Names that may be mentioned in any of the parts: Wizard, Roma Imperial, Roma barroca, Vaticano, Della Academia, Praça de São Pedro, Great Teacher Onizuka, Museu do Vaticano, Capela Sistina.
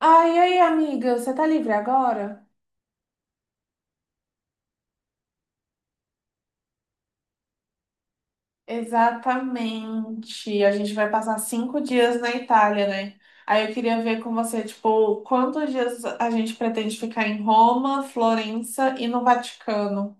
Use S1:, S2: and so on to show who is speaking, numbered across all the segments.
S1: Ai, ai, amiga, você tá livre agora? Exatamente. A gente vai passar 5 dias na Itália, né? Aí eu queria ver com você, tipo, quantos dias a gente pretende ficar em Roma, Florença e no Vaticano?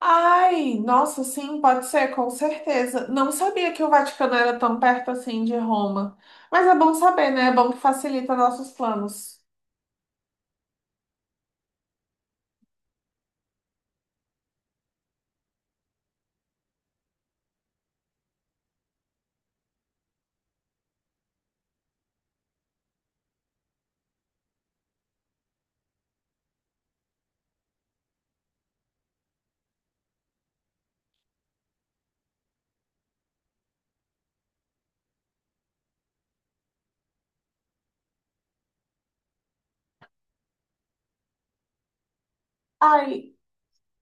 S1: Ai, nossa, sim, pode ser, com certeza. Não sabia que o Vaticano era tão perto assim de Roma. Mas é bom saber, né? É bom que facilita nossos planos. Ai,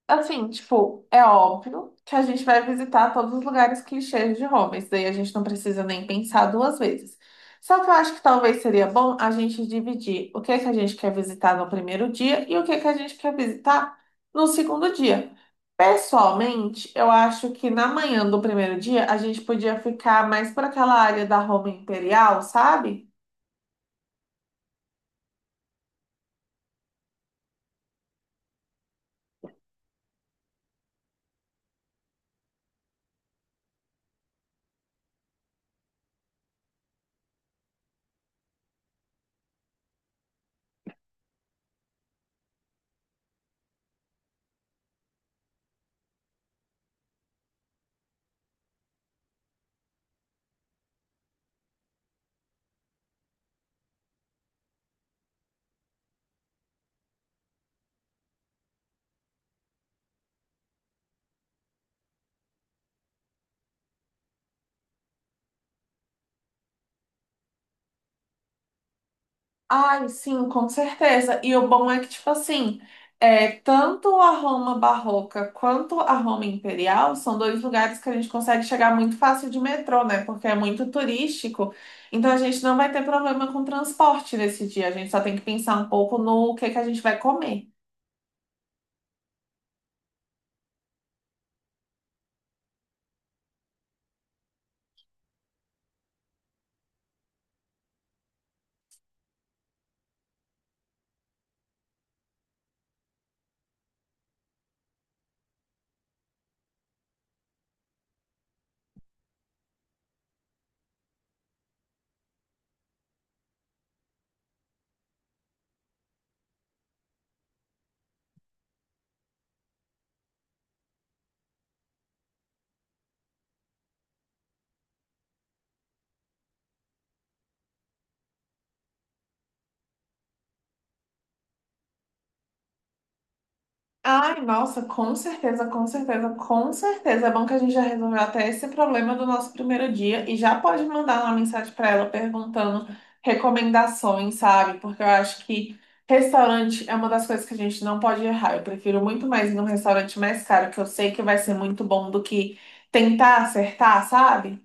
S1: assim, tipo, é óbvio que a gente vai visitar todos os lugares clichês de Roma, isso daí a gente não precisa nem pensar duas vezes. Só que eu acho que talvez seria bom a gente dividir o que é que a gente quer visitar no primeiro dia e o que é que a gente quer visitar no segundo dia. Pessoalmente, eu acho que na manhã do primeiro dia a gente podia ficar mais por aquela área da Roma Imperial, sabe? Ai, sim, com certeza. E o bom é que, tipo assim, tanto a Roma barroca quanto a Roma imperial são dois lugares que a gente consegue chegar muito fácil de metrô, né? Porque é muito turístico. Então a gente não vai ter problema com transporte nesse dia. A gente só tem que pensar um pouco no que a gente vai comer. Ai, nossa, com certeza, com certeza, com certeza. É bom que a gente já resolveu até esse problema do nosso primeiro dia e já pode mandar uma mensagem para ela perguntando recomendações, sabe? Porque eu acho que restaurante é uma das coisas que a gente não pode errar. Eu prefiro muito mais ir num restaurante mais caro, que eu sei que vai ser muito bom, do que tentar acertar, sabe?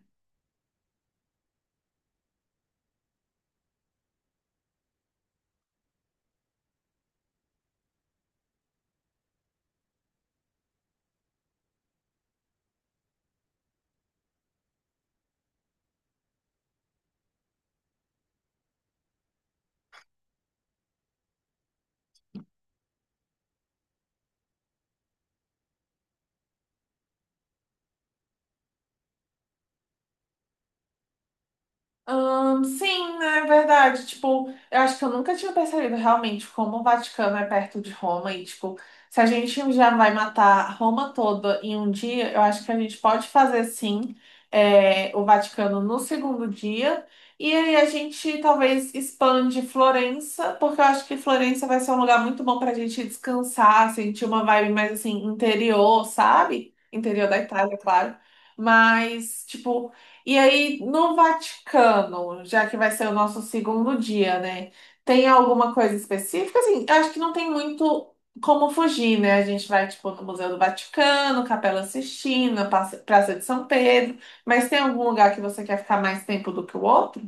S1: Sim, né, é verdade. Tipo, eu acho que eu nunca tinha percebido realmente como o Vaticano é perto de Roma e, tipo, se a gente já vai matar Roma toda em um dia, eu acho que a gente pode fazer, sim, o Vaticano no segundo dia. E aí a gente talvez expande Florença, porque eu acho que Florença vai ser um lugar muito bom pra gente descansar, sentir uma vibe mais, assim, interior, sabe? Interior da Itália, claro. Mas, tipo, e aí, no Vaticano, já que vai ser o nosso segundo dia, né? Tem alguma coisa específica? Assim, eu acho que não tem muito como fugir, né? A gente vai, tipo, no Museu do Vaticano, Capela Sistina, Praça de São Pedro, mas tem algum lugar que você quer ficar mais tempo do que o outro?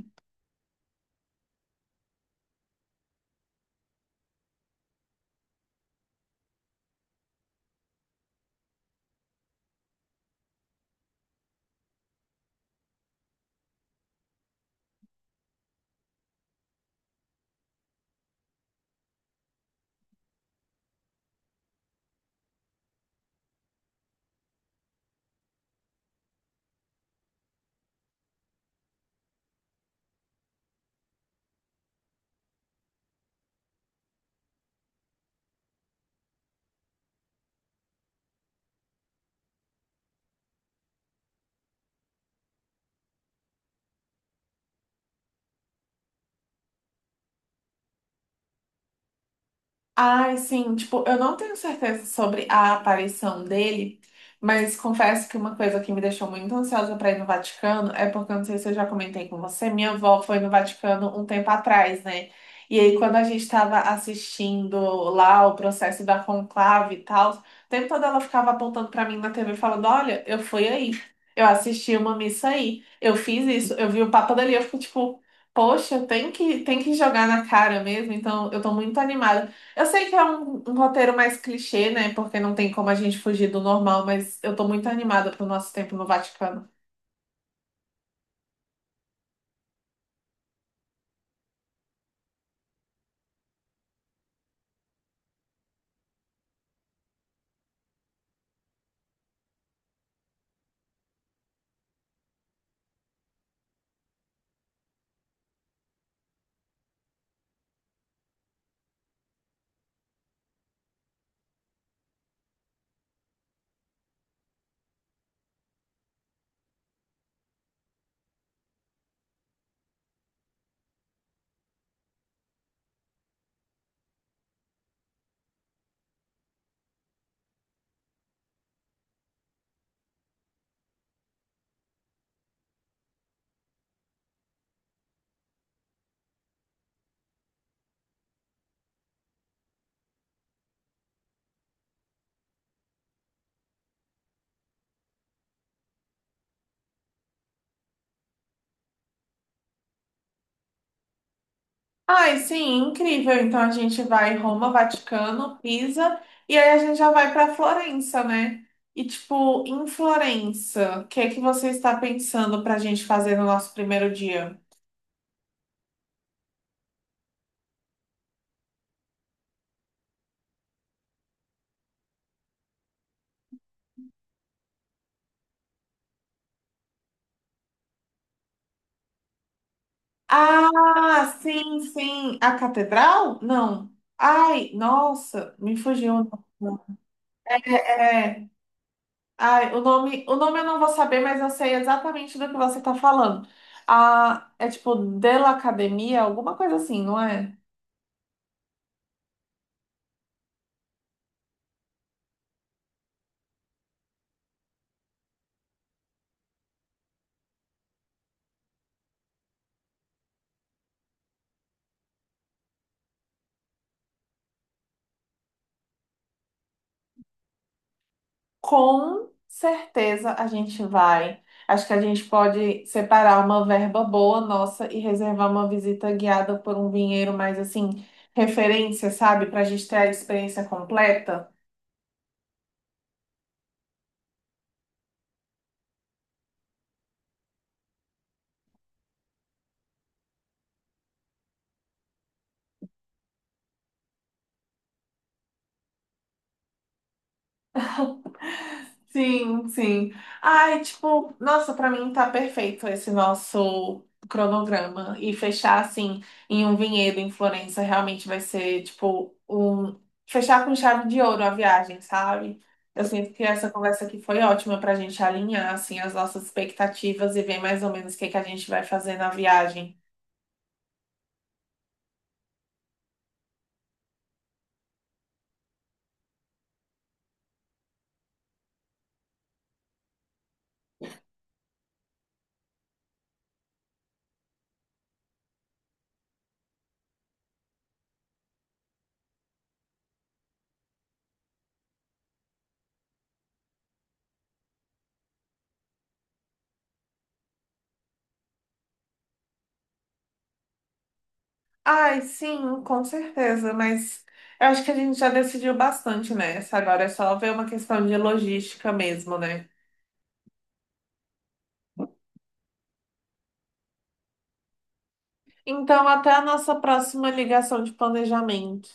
S1: Ai, sim, tipo, eu não tenho certeza sobre a aparição dele, mas confesso que uma coisa que me deixou muito ansiosa para ir no Vaticano é porque, eu não sei se eu já comentei com você, minha avó foi no Vaticano um tempo atrás, né? E aí, quando a gente estava assistindo lá o processo da conclave e tal, o tempo todo ela ficava apontando para mim na TV falando: Olha, eu fui aí, eu assisti uma missa aí, eu fiz isso, eu vi o Papa dali, eu fico tipo. Poxa, tem que jogar na cara mesmo, então eu tô muito animada. Eu sei que é um roteiro mais clichê, né? Porque não tem como a gente fugir do normal, mas eu tô muito animada pro nosso tempo no Vaticano. Ai, sim, incrível. Então a gente vai Roma, Vaticano, Pisa, e aí a gente já vai pra Florença, né? E tipo, em Florença, o que é que você está pensando pra gente fazer no nosso primeiro dia? Ah, sim, sim. A catedral? Não. Ai, nossa, me fugiu. É. Ai, o nome eu não vou saber, mas eu sei exatamente do que você tá falando. Ah, é tipo Della Academia, alguma coisa assim, não é? Com certeza a gente vai. Acho que a gente pode separar uma verba boa nossa e reservar uma visita guiada por um vinheiro mais assim, referência, sabe? Pra gente ter a experiência completa. Sim, sim. Ai, tipo, nossa, pra mim tá perfeito esse nosso cronograma. E fechar assim em um vinhedo em Florença realmente vai ser, tipo, um. Fechar com chave de ouro a viagem, sabe? Eu sinto que essa conversa aqui foi ótima pra gente alinhar, assim, as nossas expectativas e ver mais ou menos o que que a gente vai fazer na viagem. Ai, sim, com certeza, mas eu acho que a gente já decidiu bastante nessa. Agora é só ver uma questão de logística mesmo, né? Então, até a nossa próxima ligação de planejamento.